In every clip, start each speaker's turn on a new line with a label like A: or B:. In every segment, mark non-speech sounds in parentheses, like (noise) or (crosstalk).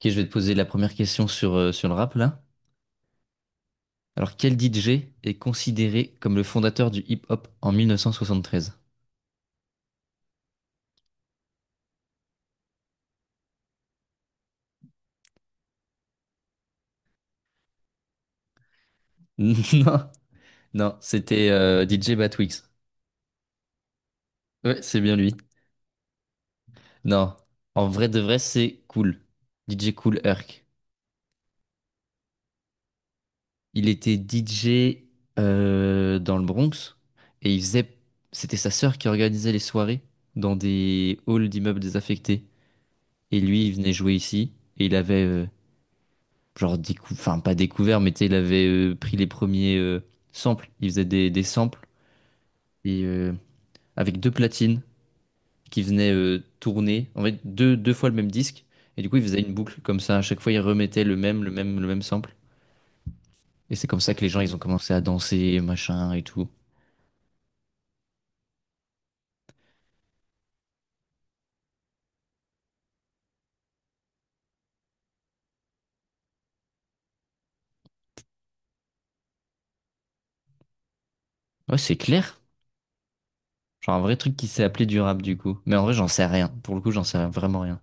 A: Ok, je vais te poser la première question sur, sur le rap là. Alors, quel DJ est considéré comme le fondateur du hip-hop en 1973? (laughs) Non, non, c'était DJ Batwix. Ouais, c'est bien lui. Non, en vrai de vrai, c'est Cool. DJ Cool Herc. Il était DJ dans le Bronx et il faisait. C'était sa sœur qui organisait les soirées dans des halls d'immeubles désaffectés. Et lui, il venait jouer ici et il avait genre décou enfin pas découvert, mais tu sais il avait pris les premiers samples. Il faisait des samples et avec deux platines qui venaient tourner en fait deux fois le même disque, et du coup il faisait une boucle comme ça. À chaque fois il remettait le même le même sample, et c'est comme ça que les gens ils ont commencé à danser machin et tout. Ouais, c'est clair, genre un vrai truc qui s'est appelé du rap du coup, mais en vrai j'en sais rien. Pour le coup j'en sais vraiment rien.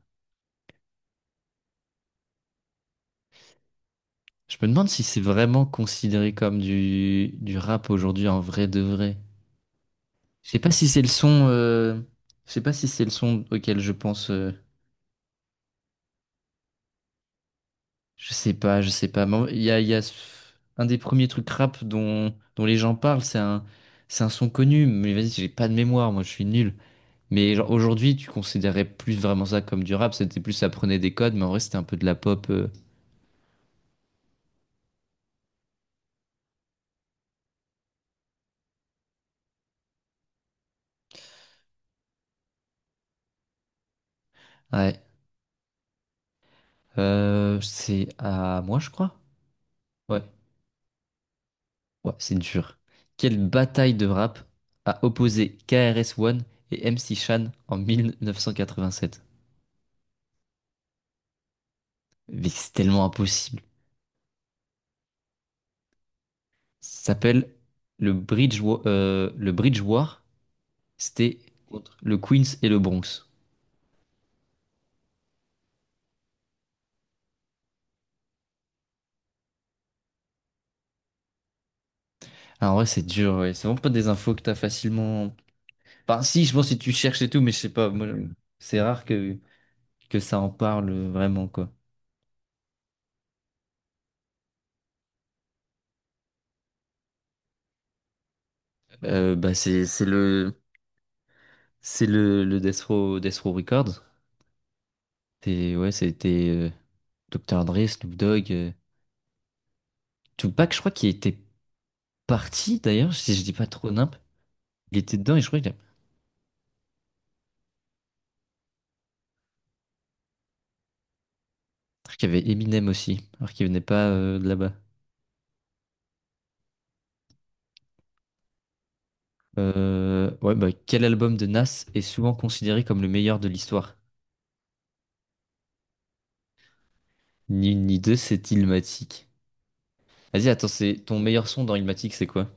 A: Je me demande si c'est vraiment considéré comme du rap aujourd'hui en vrai de vrai. Je sais pas si c'est le son. Je sais pas si c'est le son auquel je pense. Je sais pas, je sais pas. Mais il y a un des premiers trucs rap dont les gens parlent. C'est un son connu. Mais vas-y, j'ai pas de mémoire. Moi, je suis nul. Mais genre, aujourd'hui, tu considérais plus vraiment ça comme du rap. C'était plus, ça prenait des codes, mais en vrai, c'était un peu de la pop. Ouais. C'est à moi, je crois. Ouais. Ouais, c'est dur. Quelle bataille de rap a opposé KRS-One et MC Shan en 1987? Mais c'est tellement impossible. Ça s'appelle le Bridge, le Bridge War. C'était contre le Queens et le Bronx. Alors, en vrai, c'est dur, ouais. C'est vraiment pas des infos que t'as facilement. Enfin, si, je pense que si tu cherches et tout, mais je sais pas. Moi, c'est rare que ça en parle vraiment, quoi. Bah, le Death Row, Death Row Records. C'est, ouais, c'était Dr. Dre, Snoop Dogg, Tupac, je crois qu'il était parti d'ailleurs, si je dis pas trop nimp. Il était dedans et je crois qu'il a truc, il y avait Eminem aussi, alors qu'il venait pas de là-bas. Ouais, bah, quel album de Nas est souvent considéré comme le meilleur de l'histoire? Ni une ni deux, c'est Illmatic. Vas-y, attends, c'est ton meilleur son dans Illmatic, c'est quoi?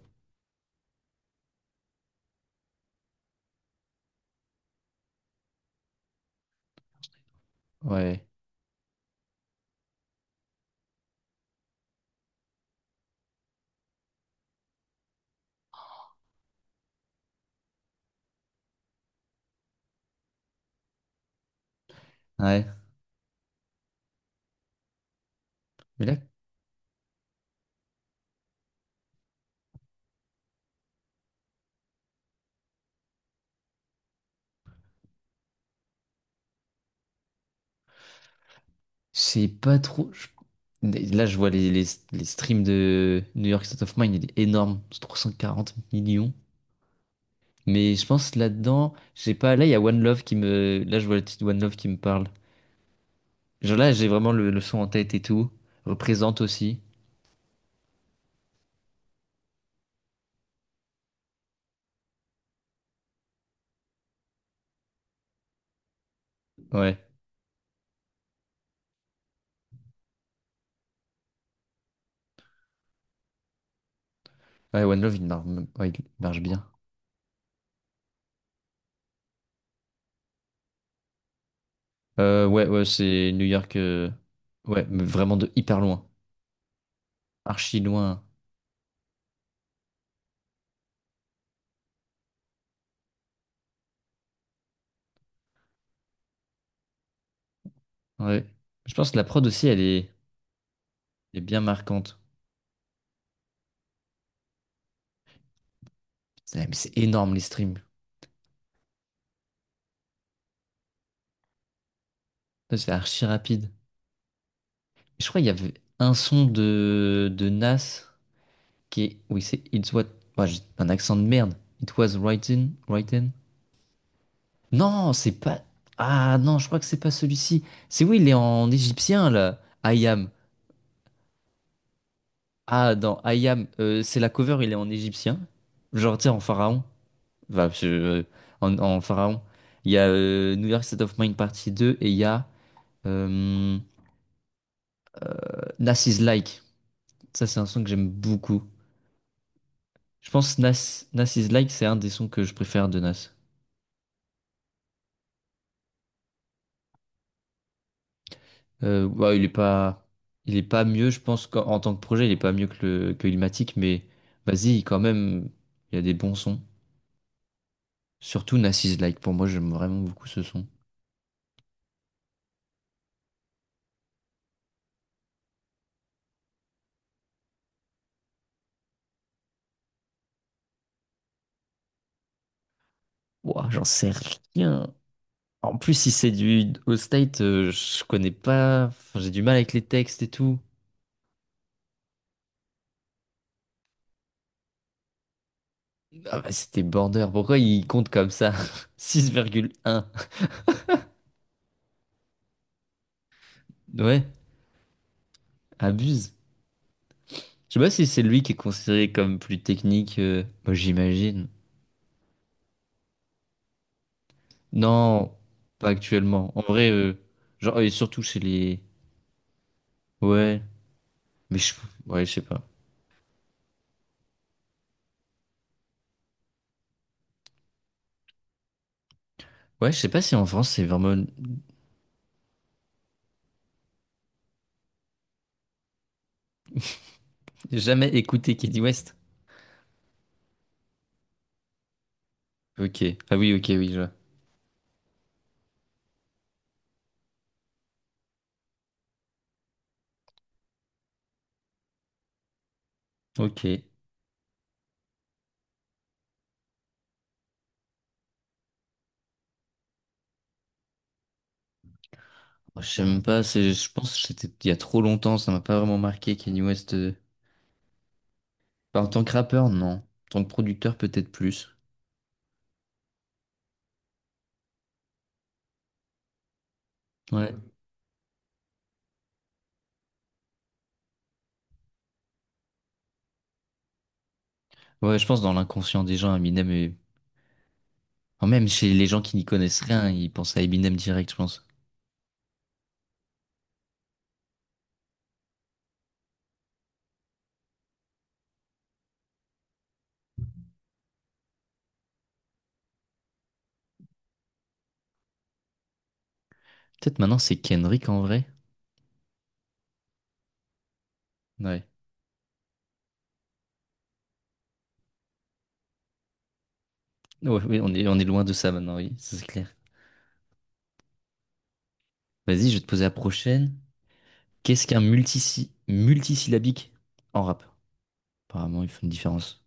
A: Ouais. Ouais. Mais là, je sais pas trop. Là, je vois les streams de New York State of Mind, il est énorme. C'est 340 millions. Mais je pense là-dedans, j'ai pas. Là, il y a One Love qui me. Là, je vois le titre One Love qui me parle. Genre là, j'ai vraiment le son en tête et tout. Représente aussi. Ouais. Ouais, One Love, il marche, ouais, il marche bien. Ouais, ouais, c'est New York. Ouais, mais vraiment de hyper loin. Archi loin. Ouais. Je pense que la prod aussi, elle est bien marquante. C'est mais c'est énorme les streams. Ça, c'est archi rapide. Je crois qu'il y avait un son de Nas qui est. Oui, c'est It's What. Ouais, j'ai un accent de merde. It was written. Written. Non, c'est pas. Ah non, je crois que c'est pas celui-ci. C'est oui, il est en égyptien là. I am. Ah, dans Ayam, c'est la cover, il est en égyptien. Genre, tu sais, en pharaon. Enfin, je- euh, en, en pharaon. Il y a New York State of Mind partie deux, et il y a euh, Nas is Like. Ça, c'est un son que j'aime beaucoup. Je pense Nas is Like, c'est un des sons que je préfère de Nas. Ouais, il est pas mieux, je pense qu'en en tant que projet, il est pas mieux que Illmatic, mais vas-y, quand même, il y a des bons sons. Surtout Nas is Like, pour moi, j'aime vraiment beaucoup ce son. Ouah, j'en sais rien. En plus, si c'est du au state, je connais pas. Enfin, j'ai du mal avec les textes et tout. Ah bah, c'était border. Pourquoi il compte comme ça? (laughs) 6,1. Ouais, abuse. Je sais pas si c'est lui qui est considéré comme plus technique. Moi, j'imagine. Non, pas actuellement. En vrai, genre, et surtout chez les. Ouais, mais je. Ouais, je sais pas. Ouais, je sais pas si en France c'est vraiment jamais écouté Kanye West. Ok. Ah oui, ok, oui, je vois. Ok. Je sais même pas, c'est, je pense que c'était il y a trop longtemps, ça m'a pas vraiment marqué Kanye West. Enfin, en tant que rappeur, non. En tant que producteur, peut-être plus. Ouais. Ouais, je pense dans l'inconscient des gens, Eminem est... enfin, même chez les gens qui n'y connaissent rien, ils pensent à Eminem direct, je pense. Peut-être maintenant c'est Kendrick en vrai. Ouais. Ouais, oui, on est loin de ça maintenant, oui, ça, c'est clair. Vas-y, je vais te poser la prochaine. Qu'est-ce qu'un multisyllabique en rap? Apparemment, ils font une différence.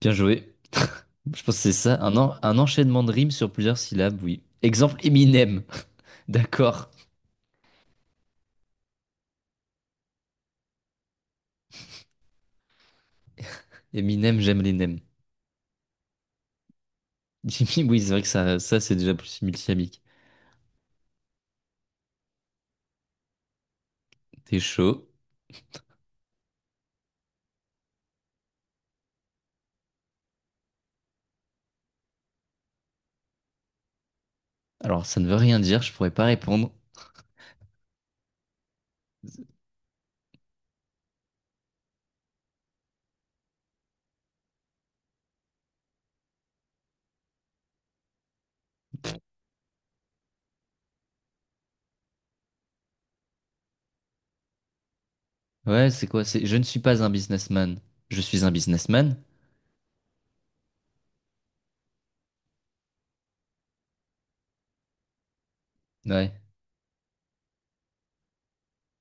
A: Bien joué. Je pense que c'est ça, un enchaînement de rimes sur plusieurs syllabes, oui. Exemple Eminem, (laughs) d'accord. Eminem, j'aime les nems. (laughs) Jimmy, oui, c'est vrai que ça c'est déjà plus multisyllabique. T'es chaud. Alors, ça ne veut rien dire, je pourrais pas répondre. Ouais, c'est quoi? C'est je ne suis pas un businessman. Je suis un businessman? Ouais.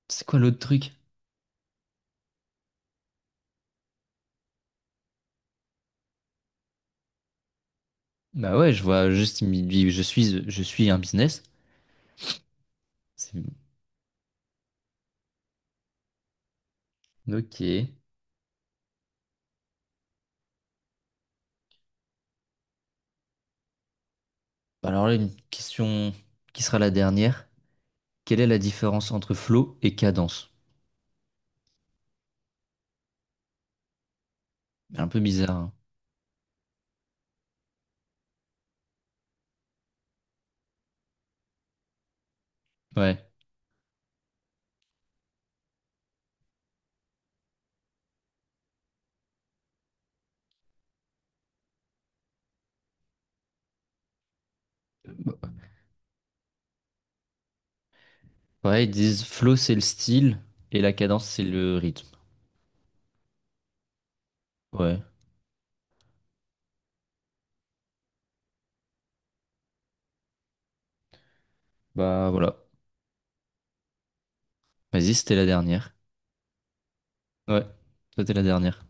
A: C'est quoi l'autre truc? Bah ouais, je vois juste, il me dit, je suis un business. Bon. Ok. Bah alors là, une question qui sera la dernière. Quelle est la différence entre flow et cadence? Un peu bizarre, hein. Ouais. Ouais, ils disent flow, c'est le style et la cadence, c'est le rythme. Ouais. Bah voilà. Vas-y, c'était la dernière. Ouais. C'était la dernière.